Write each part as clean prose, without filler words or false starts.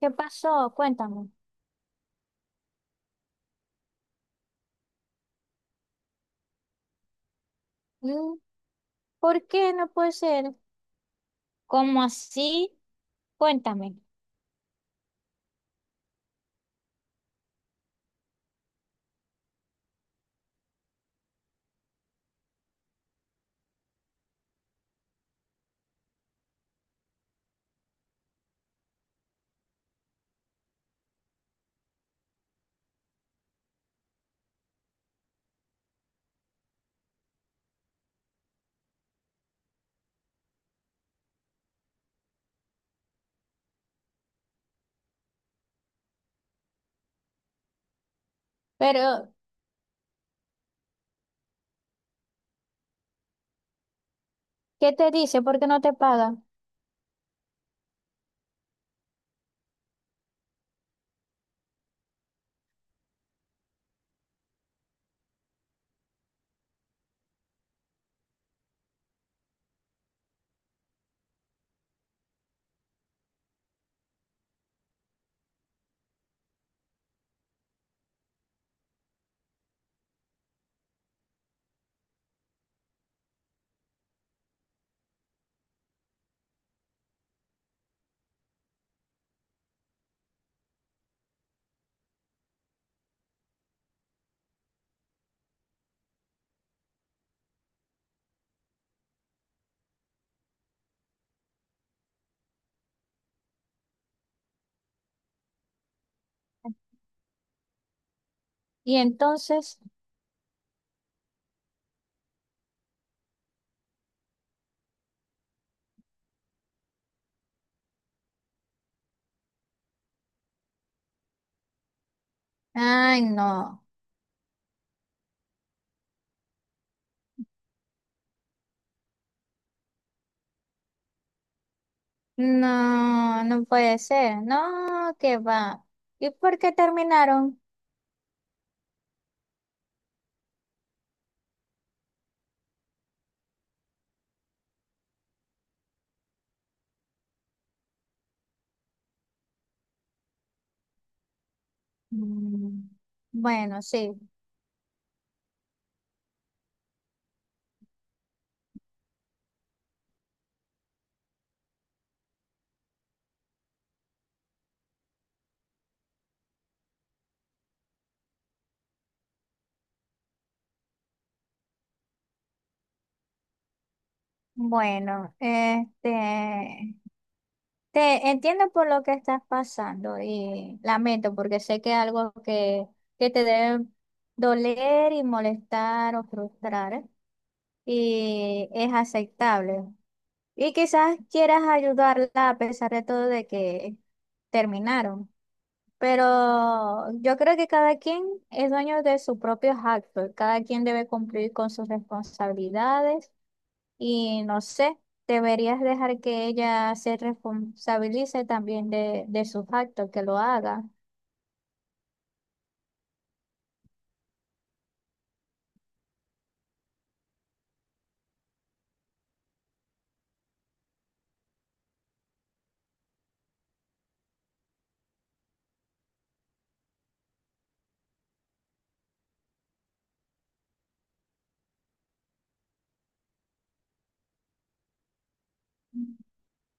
¿Qué pasó? Cuéntame. Mm. ¿Por qué no puede ser? ¿Cómo así? Cuéntame. Pero, ¿qué te dice? ¿Por qué no te paga? Y entonces, ay, no, no, no puede ser. No, que va. ¿Y por qué terminaron? Mm. Bueno, sí. Bueno, te entiendo por lo que estás pasando y lamento porque sé que es algo que te debe doler y molestar o frustrar y es aceptable. Y quizás quieras ayudarla a pesar de todo de que terminaron. Pero yo creo que cada quien es dueño de sus propios actos, cada quien debe cumplir con sus responsabilidades y no sé, deberías dejar que ella se responsabilice también de sus actos, que lo haga.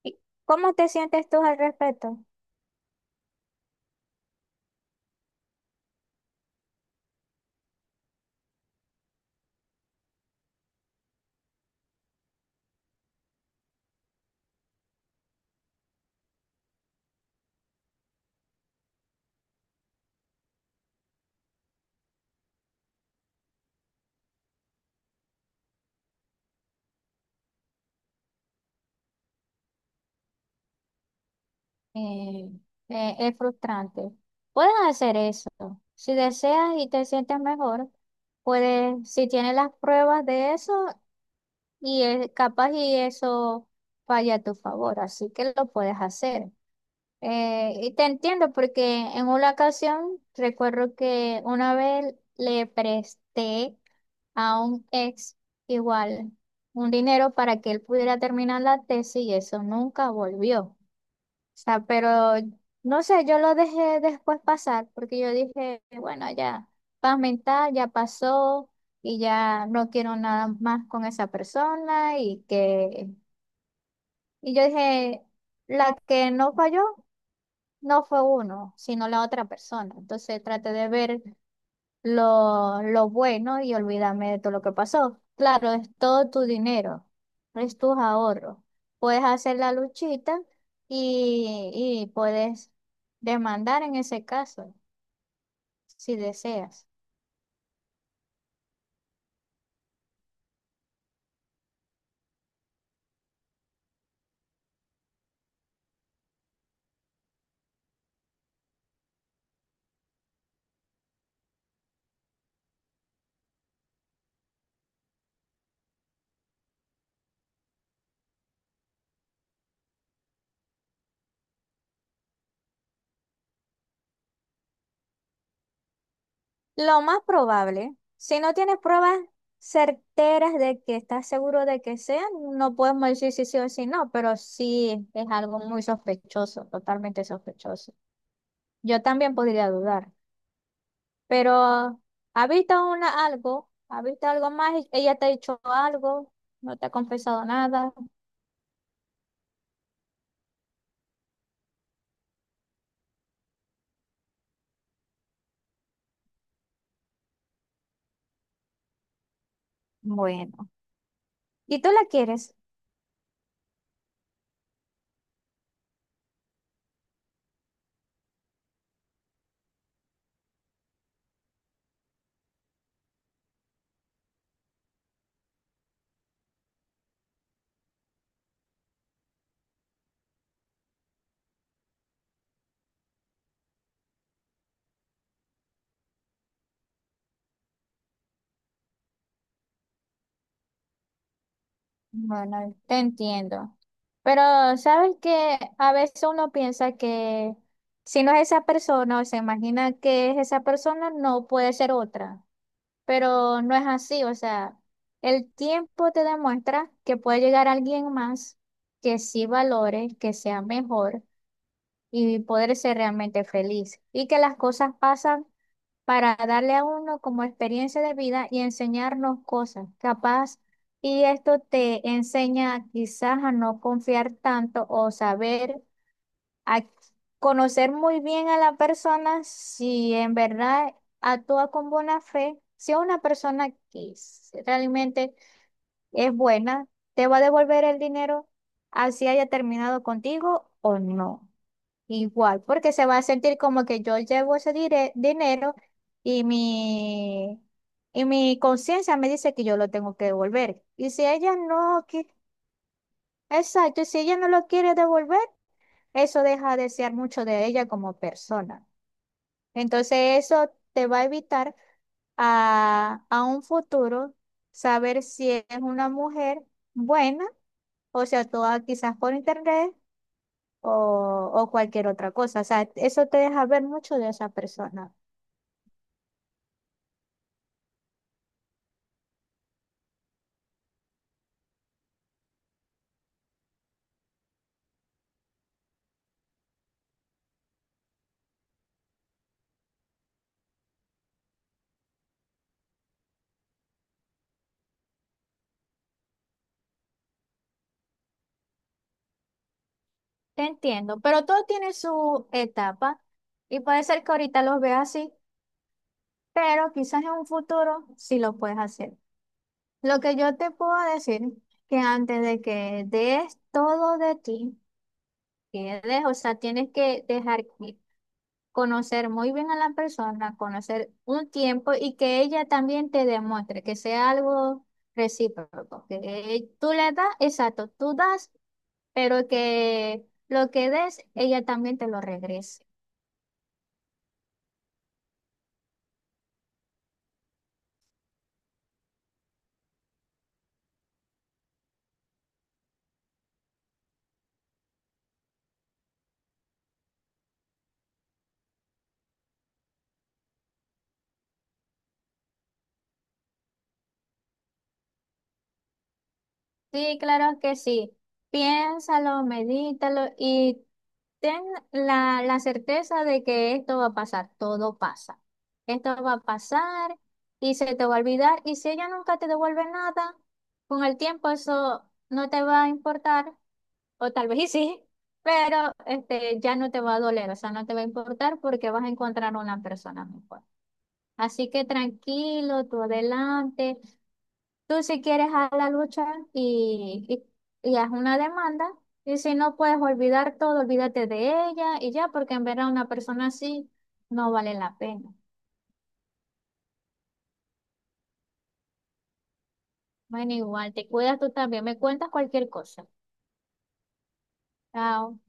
¿Y ¿Cómo te sientes tú al respecto? Eh, es frustrante. Puedes hacer eso. Si deseas y te sientes mejor, puedes, si tienes las pruebas de eso. Y capaz y eso vaya a tu favor, así que lo puedes hacer. Y te entiendo porque en una ocasión recuerdo que una vez le presté a un ex igual un dinero para que él pudiera terminar la tesis y eso nunca volvió sea, pero no sé, yo lo dejé después pasar porque yo dije, bueno, ya, paz mental, ya pasó y ya no quiero nada más con esa persona y que, y yo dije, la que no falló no fue uno, sino la otra persona. Entonces traté de ver lo bueno y olvídame de todo lo que pasó. Claro, es todo tu dinero, es tus ahorros. Puedes hacer la luchita y puedes demandar en ese caso, si deseas. Lo más probable, si no tienes pruebas certeras de que estás seguro de que sea, no podemos decir si sí o si no, pero sí es algo muy sospechoso, totalmente sospechoso. Yo también podría dudar. Pero ¿ha visto una, algo? ¿Ha visto algo más? ¿Ella te ha dicho algo? ¿No te ha confesado nada? Bueno. ¿Y tú la quieres? Bueno, te entiendo. Pero sabes que a veces uno piensa que si no es esa persona o se imagina que es esa persona, no puede ser otra. Pero no es así. O sea, el tiempo te demuestra que puede llegar alguien más que sí valore, que sea mejor y poder ser realmente feliz. Y que las cosas pasan para darle a uno como experiencia de vida y enseñarnos cosas, capaz. Y esto te enseña quizás a no confiar tanto o saber, a conocer muy bien a la persona si en verdad actúa con buena fe. Si es una persona que realmente es buena, te va a devolver el dinero así haya terminado contigo o no. Igual, porque se va a sentir como que yo llevo ese dinero y mi, y mi conciencia me dice que yo lo tengo que devolver. Y si ella no, exacto, y si ella no lo quiere devolver, eso deja de ser mucho de ella como persona. Entonces eso te va a evitar a un futuro saber si es una mujer buena, o sea, toda quizás por internet o cualquier otra cosa. O sea, eso te deja ver mucho de esa persona. Te entiendo, pero todo tiene su etapa y puede ser que ahorita los veas así, pero quizás en un futuro sí lo puedes hacer. Lo que yo te puedo decir que antes de que des todo de ti, que des, o sea, tienes que dejar conocer muy bien a la persona, conocer un tiempo y que ella también te demuestre que sea algo recíproco, que tú le das, exacto, tú das, pero que lo que des, ella también te lo regrese. Sí, claro que sí. Piénsalo, medítalo y ten la certeza de que esto va a pasar, todo pasa. Esto va a pasar y se te va a olvidar. Y si ella nunca te devuelve nada, con el tiempo eso no te va a importar, o tal vez y sí, pero este, ya no te va a doler, o sea, no te va a importar porque vas a encontrar una persona mejor. Así que tranquilo, tú adelante. Tú si quieres a la lucha y, y haz una demanda y si no puedes olvidar todo, olvídate de ella y ya, porque en ver a una persona así no vale la pena. Bueno, igual, te cuidas tú también, me cuentas cualquier cosa. Chao.